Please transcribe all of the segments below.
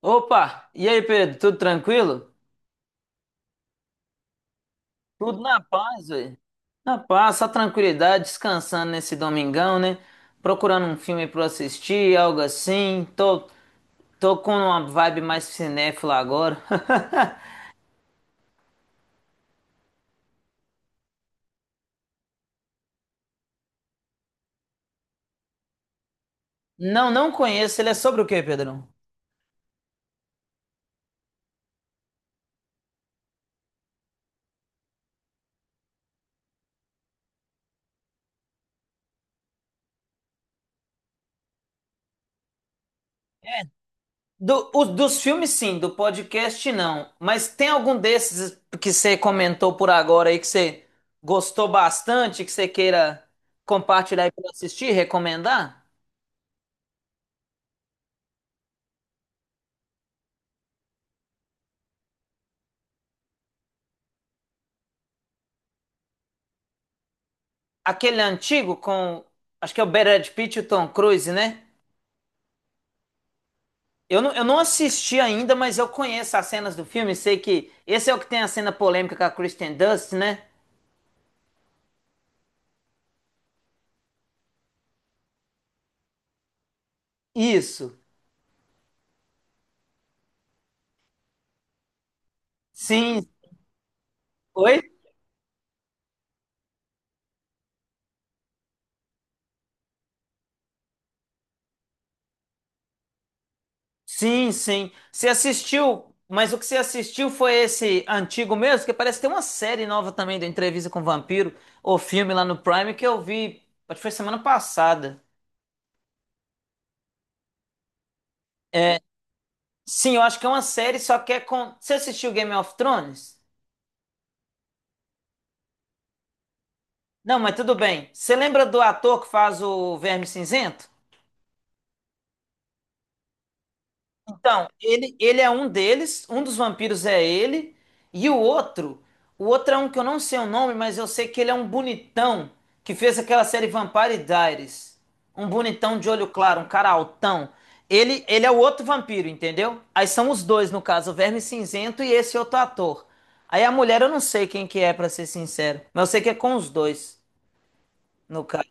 Opa! E aí, Pedro? Tudo tranquilo? Tudo na paz, velho. Na paz, só tranquilidade, descansando nesse domingão, né? Procurando um filme pra eu assistir, algo assim. Tô com uma vibe mais cinéfila agora. Não, não conheço. Ele é sobre o quê, Pedrão? Dos filmes, sim. Do podcast, não. Mas tem algum desses que você comentou por agora aí que você gostou bastante, que você queira compartilhar e assistir, recomendar? Aquele antigo com. Acho que é o Brad Pitt e o Tom Cruise, né? Eu não assisti ainda, mas eu conheço as cenas do filme. Sei que esse é o que tem a cena polêmica com a Kristen Dunst, né? Isso. Sim. Oi? Sim, sim. Você assistiu, mas o que você assistiu foi esse antigo mesmo? Que parece que tem uma série nova também da Entrevista com o Vampiro, ou filme lá no Prime, que eu vi. Acho que foi semana passada. É, sim, eu acho que é uma série, só que é com. Você assistiu Game of Thrones? Não, mas tudo bem. Você lembra do ator que faz o Verme Cinzento? Então, ele é um deles, um dos vampiros é ele, e o outro é um que eu não sei o nome, mas eu sei que ele é um bonitão que fez aquela série Vampire Diaries. Um bonitão de olho claro, um cara altão. Ele é o outro vampiro, entendeu? Aí são os dois, no caso, o Verme Cinzento e esse outro ator. Aí a mulher eu não sei quem que é, pra ser sincero, mas eu sei que é com os dois, no caso.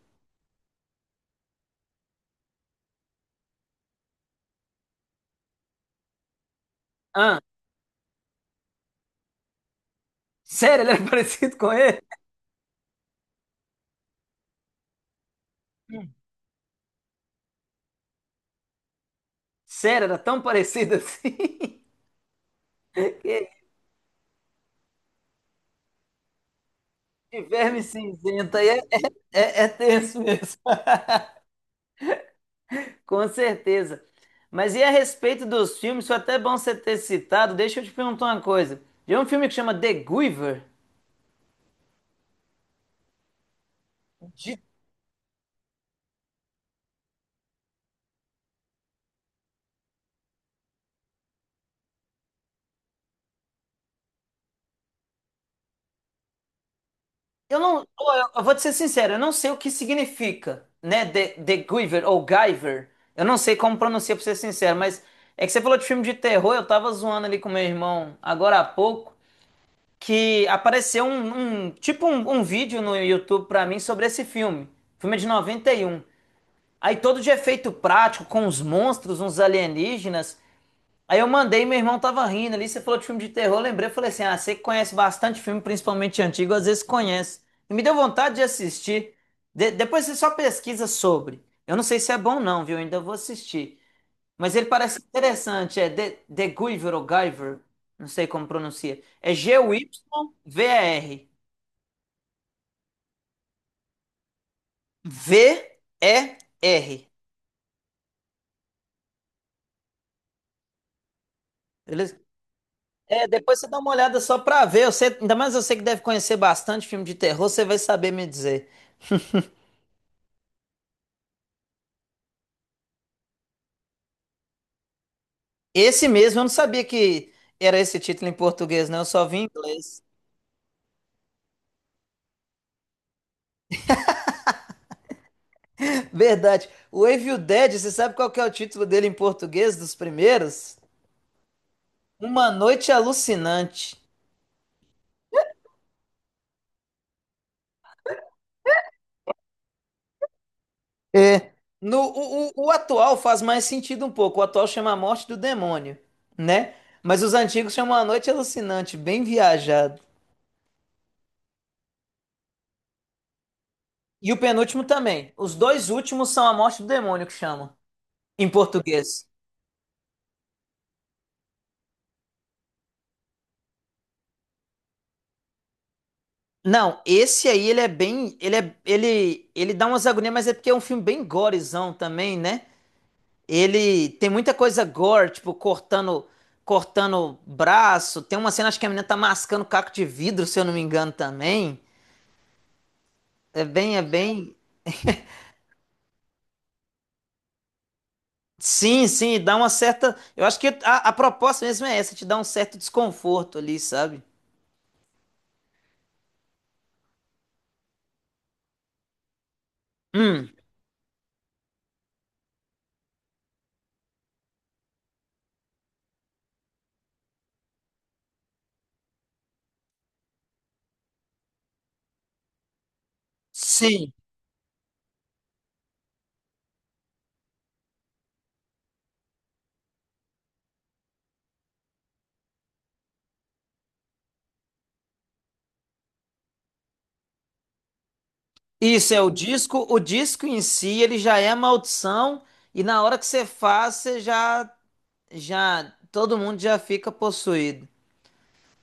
Ah, sério, ele é parecido com ele? Sério, era tão parecida assim. Que de verme cinzenta. Aí é, é, é tenso mesmo. Com certeza. Mas e a respeito dos filmes, foi até bom você ter citado. Deixa eu te perguntar uma coisa. Tem um filme que chama The Giver. De- Eu vou te ser sincero, eu não sei o que significa, né? The Giver ou Giver. Eu não sei como pronuncia, pra ser sincero, mas é que você falou de filme de terror, eu tava zoando ali com meu irmão agora há pouco. Que apareceu um vídeo no YouTube pra mim sobre esse filme. O filme é de noventa e um. Aí todo de efeito prático, com uns monstros, uns alienígenas. Aí eu mandei, meu irmão tava rindo ali, você falou de filme de terror, eu lembrei, eu falei assim, ah, você que conhece bastante filme, principalmente antigo, às vezes conhece. E me deu vontade de assistir. Depois você só pesquisa sobre. Eu não sei se é bom não, viu? Eu ainda vou assistir. Mas ele parece interessante, é The Guyver ou Guyver, não sei como pronuncia. É G-U-Y-V-E-R. V-E-R. Beleza? É, depois você dá uma olhada só pra ver. Você, ainda mais você que deve conhecer bastante filme de terror, você vai saber me dizer. Esse mesmo, eu não sabia que era esse título em português, não. Eu só vi em inglês. Verdade. O Evil Dead, você sabe qual que é o título dele em português dos primeiros? Uma Noite Alucinante. É, no, o atual faz mais sentido um pouco. O atual chama A Morte do Demônio, né? Mas os antigos chamam A Noite Alucinante, bem viajado. E o penúltimo também. Os dois últimos são A Morte do Demônio que chama, em português. Não, esse aí ele é bem, ele dá umas agonias, mas é porque é um filme bem gorezão também, né? Ele tem muita coisa gore, tipo cortando, cortando braço. Tem uma cena acho que a menina tá mascando caco de vidro, se eu não me engano também. É bem, é bem. Sim, sim, dá uma certa. Eu acho que a proposta mesmo é essa, te dá um certo desconforto ali, sabe? Hum, sim. Isso é o disco. O disco em si, ele já é a maldição, e na hora que você faz, você já, todo mundo já fica possuído.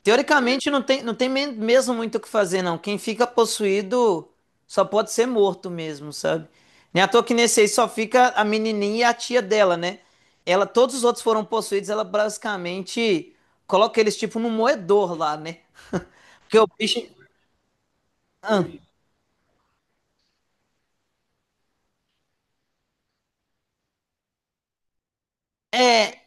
Teoricamente não tem, não tem mesmo muito o que fazer, não. Quem fica possuído só pode ser morto mesmo, sabe? Nem à toa que nesse aí só fica a menininha e a tia dela, né? Ela, todos os outros foram possuídos, ela basicamente coloca eles tipo no moedor lá, né? Porque o bicho. Ah, é,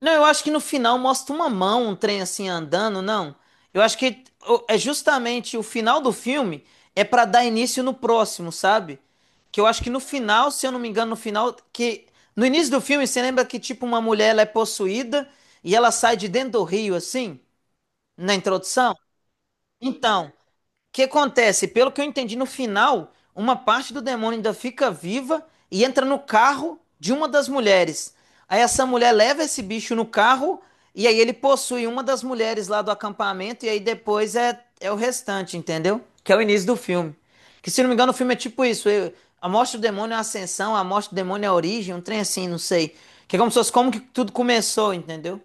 não, eu acho que no final mostra uma mão, um trem assim andando, não. Eu acho que é justamente o final do filme é pra dar início no próximo, sabe? Que eu acho que no final, se eu não me engano, no final que no início do filme você lembra que tipo uma mulher ela é possuída e ela sai de dentro do rio assim, na introdução? Então, que acontece? Pelo que eu entendi no final, uma parte do demônio ainda fica viva e entra no carro de uma das mulheres. Aí essa mulher leva esse bicho no carro e aí ele possui uma das mulheres lá do acampamento e aí depois é o restante, entendeu? Que é o início do filme. Que se não me engano o filme é tipo isso, eu- a morte do demônio é a ascensão, a morte do demônio é a origem, um trem assim, não sei. Que é como se fosse como que tudo começou, entendeu?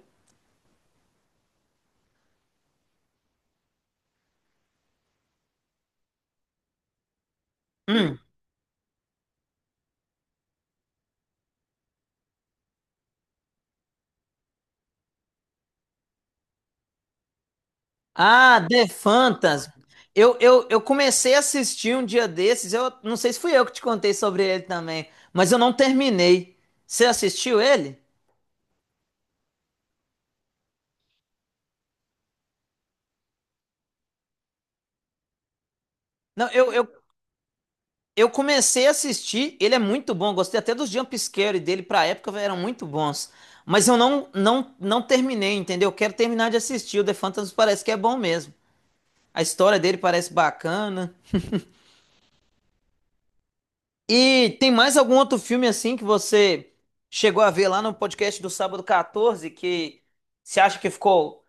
Hum. Ah, The Phantasm. Eu comecei a assistir um dia desses. Eu não sei se fui eu que te contei sobre ele também, mas eu não terminei. Você assistiu ele? Não, eu comecei a assistir. Ele é muito bom. Gostei até dos jump scare dele pra época, eram muito bons. Mas eu não, não terminei, entendeu? Eu quero terminar de assistir. O The Phantasm parece que é bom mesmo. A história dele parece bacana. E tem mais algum outro filme assim que você chegou a ver lá no podcast do Sábado 14 que você acha que ficou,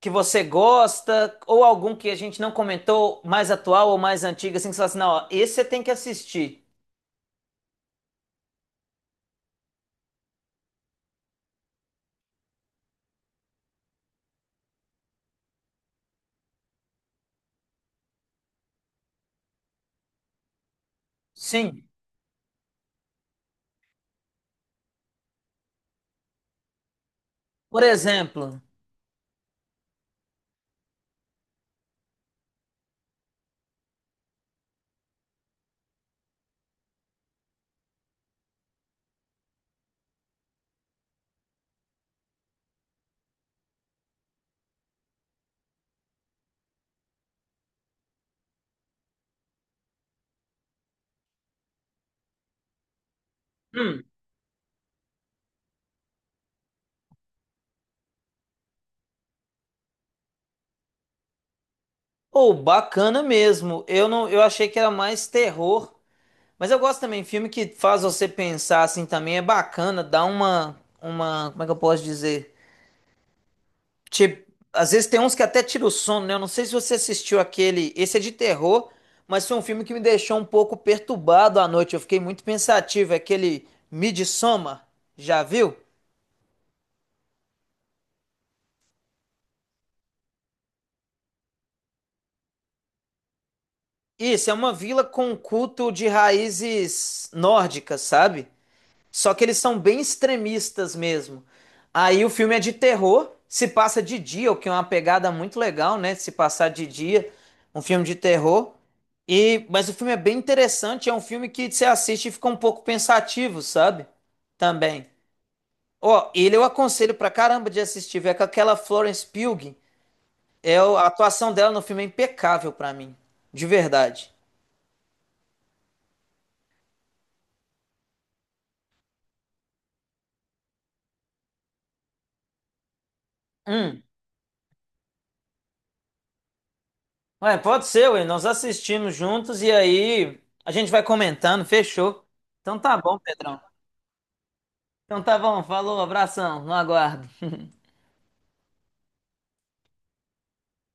que você gosta, ou algum que a gente não comentou, mais atual ou mais antigo, assim, que você fala assim, não, ó, esse você tem que assistir. Sim. Por exemplo, hum, ou bacana mesmo. Eu não, eu achei que era mais terror, mas eu gosto também filme que faz você pensar assim também é bacana, dá uma, como é que eu posso dizer? Tipo, às vezes tem uns que até tira o sono, né? Eu não sei se você assistiu aquele. Esse é de terror, mas foi um filme que me deixou um pouco perturbado à noite. Eu fiquei muito pensativo. É aquele Midsommar, já viu? Isso, é uma vila com um culto de raízes nórdicas, sabe? Só que eles são bem extremistas mesmo. Aí o filme é de terror, se passa de dia, o que é uma pegada muito legal, né? Se passar de dia, um filme de terror. E mas o filme é bem interessante, é um filme que você assiste e fica um pouco pensativo, sabe? Também. Ó, ele eu aconselho pra caramba de assistir, é com aquela Florence Pugh, é a atuação dela no filme é impecável pra mim, de verdade. Hum. Ué, pode ser, ué. Nós assistimos juntos e aí a gente vai comentando, fechou. Então tá bom, Pedrão. Então tá bom, falou, abração, no aguardo.